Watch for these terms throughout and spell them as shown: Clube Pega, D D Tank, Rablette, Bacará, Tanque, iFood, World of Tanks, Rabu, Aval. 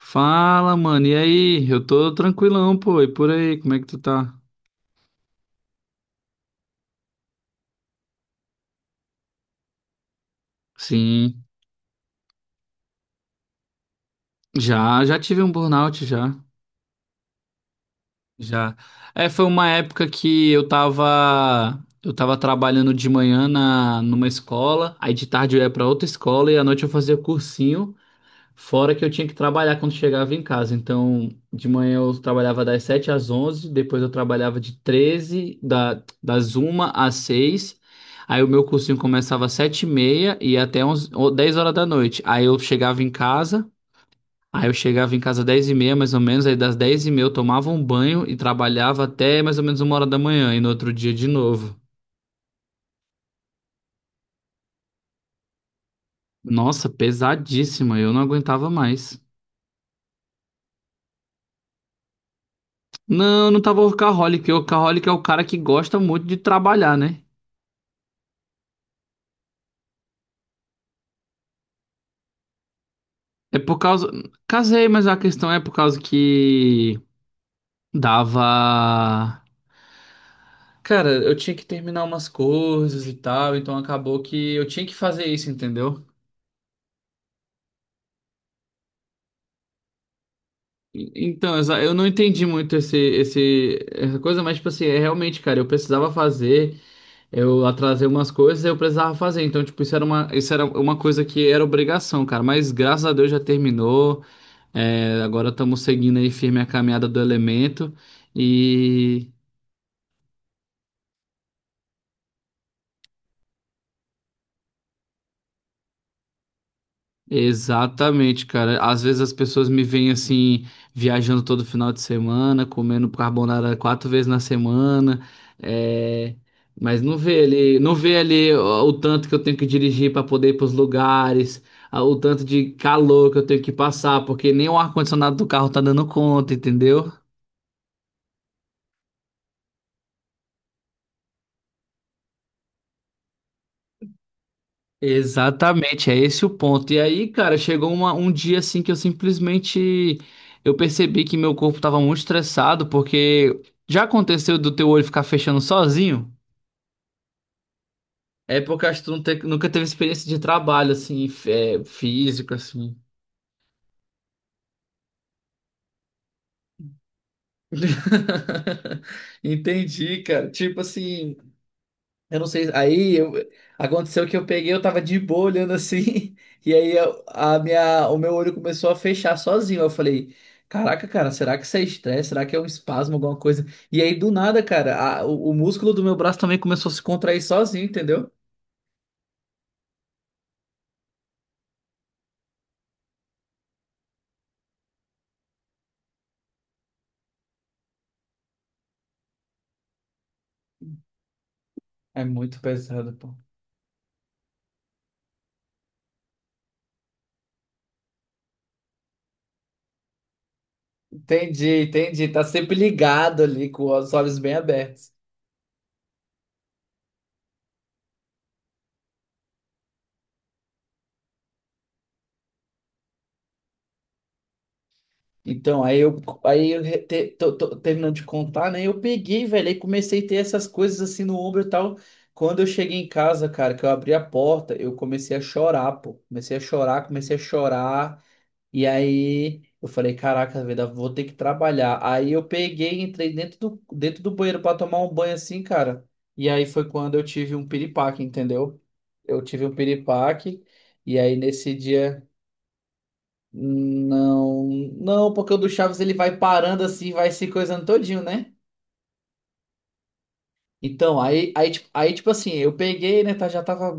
Fala, mano. E aí? Eu tô tranquilão, pô. E por aí, como é que tu tá? Sim. Já, já tive um burnout já. Já. É, foi uma época que eu tava trabalhando de manhã na numa escola, aí de tarde eu ia pra outra escola e à noite eu fazia cursinho. Fora que eu tinha que trabalhar quando chegava em casa. Então, de manhã eu trabalhava das 7 às 11, depois eu trabalhava das 1 às 6. Aí o meu cursinho começava às 7 e meia e ia até 11, ou 10 horas da noite. Aí eu chegava em casa às 10 e meia mais ou menos, aí das 10:30 eu tomava um banho e trabalhava até mais ou menos 1 hora da manhã e no outro dia de novo. Nossa, pesadíssima, eu não aguentava mais. Não, não tava workaholic. Workaholic é o cara que gosta muito de trabalhar, né? É por causa. Casei, mas a questão é por causa que dava. Cara, eu tinha que terminar umas coisas e tal, então acabou que eu tinha que fazer isso, entendeu? Então, eu não entendi muito essa coisa, mas, tipo assim, é realmente, cara, eu precisava fazer. Eu atrasei umas coisas e eu precisava fazer. Então, tipo, isso era uma coisa que era obrigação, cara. Mas graças a Deus já terminou. É, agora estamos seguindo aí firme a caminhada do elemento. E Exatamente, cara. Às vezes as pessoas me veem assim, viajando todo final de semana, comendo carbonara quatro vezes na semana, é, mas não vê ali, não vê ali ó, o tanto que eu tenho que dirigir para poder ir para os lugares, o tanto de calor que eu tenho que passar, porque nem o ar-condicionado do carro tá dando conta, entendeu? Exatamente, é esse o ponto. E aí, cara, chegou um dia assim que eu simplesmente eu percebi que meu corpo tava muito estressado, porque já aconteceu do teu olho ficar fechando sozinho? É porque eu acho que tu não nunca teve experiência de trabalho assim, físico assim. Entendi, cara. Tipo assim, eu não sei. Aconteceu que eu peguei, eu tava de boa olhando assim, e o meu olho começou a fechar sozinho. Eu falei, caraca, cara, será que isso é estresse? Será que é um espasmo, alguma coisa? E aí do nada, cara, o músculo do meu braço também começou a se contrair sozinho, entendeu? É muito pesado, pô. Entendi, entendi. Tá sempre ligado ali com os olhos bem abertos. Então, aí eu tô terminando de contar, né? Eu peguei, velho, aí comecei a ter essas coisas assim no ombro e tal. Quando eu cheguei em casa, cara, que eu abri a porta, eu comecei a chorar, pô. Comecei a chorar, comecei a chorar. E aí eu falei, caraca, velho, vou ter que trabalhar. Aí eu peguei, entrei dentro do banheiro pra tomar um banho assim, cara. E aí foi quando eu tive um piripaque, entendeu? Eu tive um piripaque. E aí nesse dia. Não, não, porque o do Chaves ele vai parando assim, vai se coisando todinho, né? Então, tipo assim, eu peguei, né, tá, já tava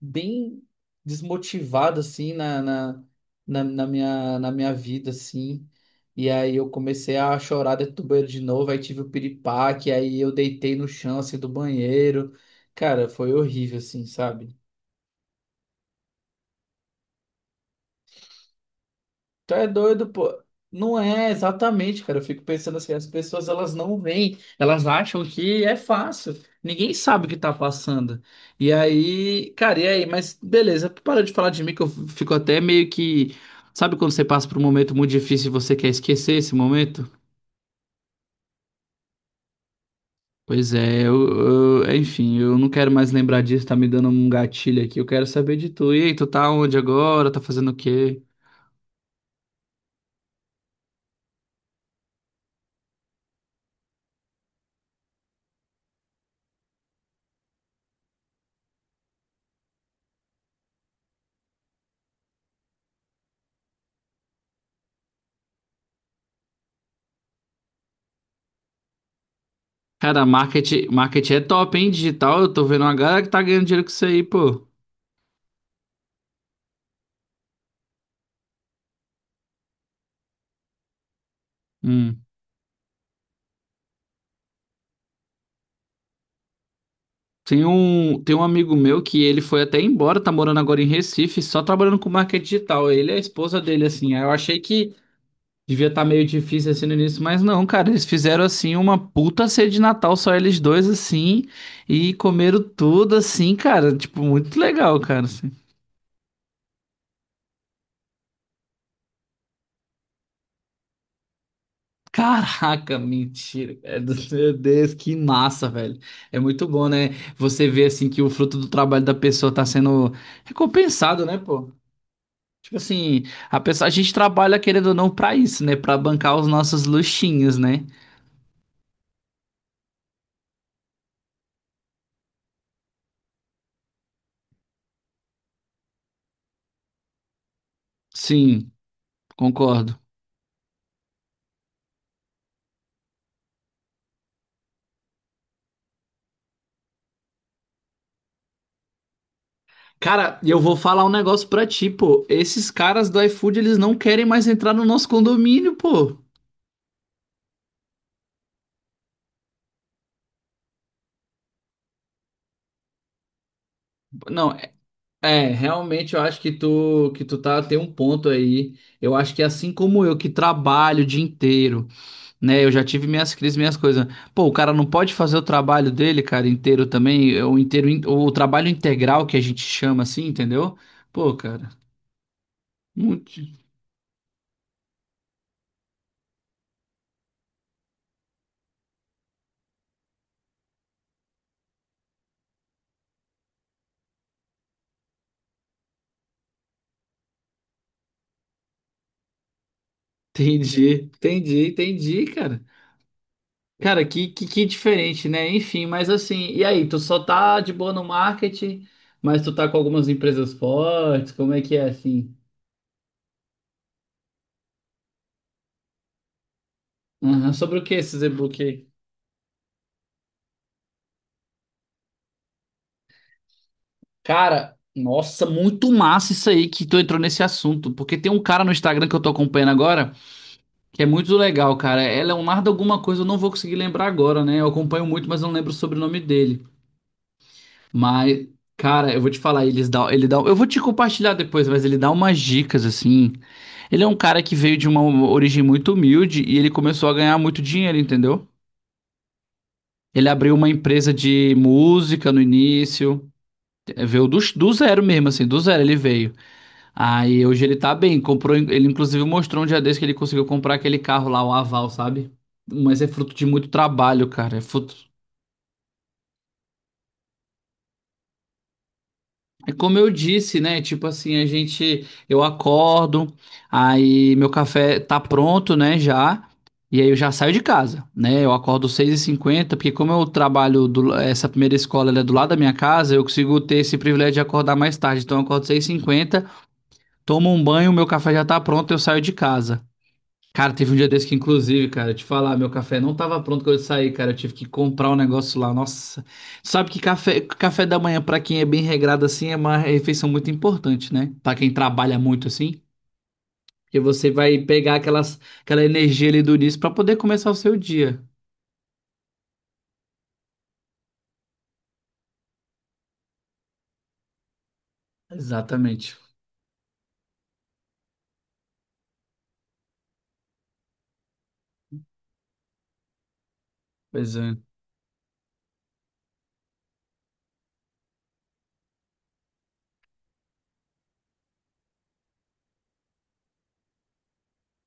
bem desmotivado, assim, na minha vida, assim. E aí eu comecei a chorar dentro do banheiro de novo, aí tive o piripaque, aí eu deitei no chão, assim, do banheiro. Cara, foi horrível, assim, sabe? Tu é doido, pô. Não é exatamente, cara. Eu fico pensando assim, as pessoas elas não veem, elas acham que é fácil. Ninguém sabe o que tá passando. E aí, cara, e aí? Mas beleza, para de falar de mim que eu fico até meio que, sabe quando você passa por um momento muito difícil e você quer esquecer esse momento? Pois é, enfim, eu não quero mais lembrar disso, tá me dando um gatilho aqui. Eu quero saber de tu. E aí, tu tá onde agora? Tá fazendo o quê? Cara, marketing, marketing é top, hein? Digital, eu tô vendo uma galera que tá ganhando dinheiro com isso aí, pô. Hum. Tem um amigo meu que ele foi até embora, tá morando agora em Recife, só trabalhando com marketing digital. Ele e a esposa dele, assim. Aí eu achei que devia estar meio difícil assim no início, mas não, cara, eles fizeram assim uma puta ceia de Natal, só eles dois, assim, e comeram tudo assim, cara. Tipo, muito legal, cara. Caraca, mentira, cara. Meu Deus, que massa, velho. É muito bom, né? Você vê assim que o fruto do trabalho da pessoa tá sendo recompensado, né, pô? Tipo assim, a pessoa, a gente trabalha querendo ou não pra isso, né? Pra bancar os nossos luxinhos, né? Sim, concordo. Cara, e eu vou falar um negócio pra ti, pô. Esses caras do iFood, eles não querem mais entrar no nosso condomínio, pô. Não. É, realmente eu acho que tu tá tem um ponto aí. Eu acho que assim como eu que trabalho o dia inteiro, né? Eu já tive minhas crises, minhas coisas. Pô, o cara não pode fazer o trabalho dele, cara, inteiro também, é o inteiro o trabalho integral que a gente chama assim, entendeu? Pô, cara, muito- entendi, entendi, entendi, cara. Cara, que diferente, né? Enfim, mas assim, e aí, tu só tá de boa no marketing, mas tu tá com algumas empresas fortes, como é que é assim? Aham. Sobre o que esse e-book aí? Cara, nossa, muito massa isso aí que tu entrou nesse assunto. Porque tem um cara no Instagram que eu tô acompanhando agora, que é muito legal, cara. É Leonardo alguma coisa, eu não vou conseguir lembrar agora, né? Eu acompanho muito, mas não lembro o sobrenome dele. Mas, cara, eu vou te falar, eles dá, ele dá, eu vou te compartilhar depois, mas ele dá umas dicas assim. Ele é um cara que veio de uma origem muito humilde e ele começou a ganhar muito dinheiro, entendeu? Ele abriu uma empresa de música no início. Veio do zero mesmo, assim, do zero ele veio. Aí hoje ele tá bem, comprou, ele inclusive mostrou um dia desse que ele conseguiu comprar aquele carro lá, o Aval, sabe? Mas é fruto de muito trabalho, cara, é fruto... É como eu disse, né? Tipo assim, eu acordo, aí meu café tá pronto, né, já, e aí eu já saio de casa, né? Eu acordo 6:50 porque como eu trabalho, essa primeira escola ela é do lado da minha casa, eu consigo ter esse privilégio de acordar mais tarde, então eu acordo 6:50. Tomo um banho, meu café já tá pronto, eu saio de casa. Cara, teve um dia desse que, inclusive, cara, eu te falar, meu café não tava pronto quando eu saí, cara. Eu tive que comprar um negócio lá. Nossa, sabe que café da manhã, pra quem é bem regrado assim, é uma refeição muito importante, né? Pra quem trabalha muito assim, porque você vai pegar aquela energia ali do início pra poder começar o seu dia. Exatamente. Pois é.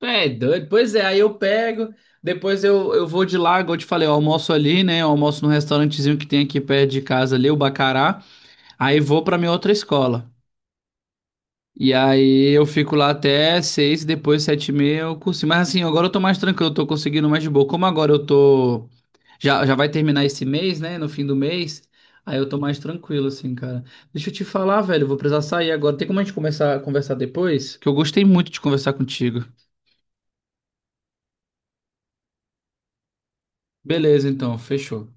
É, doido. Pois é, aí eu pego, depois eu vou de lá, igual eu te falei, eu almoço ali, né? Eu almoço num restaurantezinho que tem aqui perto de casa ali, o Bacará. Aí vou pra minha outra escola. E aí eu fico lá até 6, depois 7:30 eu consigo. Mas assim, agora eu tô mais tranquilo, eu tô conseguindo mais de boa. Como agora eu tô. Já, já vai terminar esse mês, né? No fim do mês. Aí eu tô mais tranquilo, assim, cara. Deixa eu te falar, velho, eu vou precisar sair agora. Tem como a gente começar a conversar depois? Que eu gostei muito de conversar contigo. Beleza, então, fechou.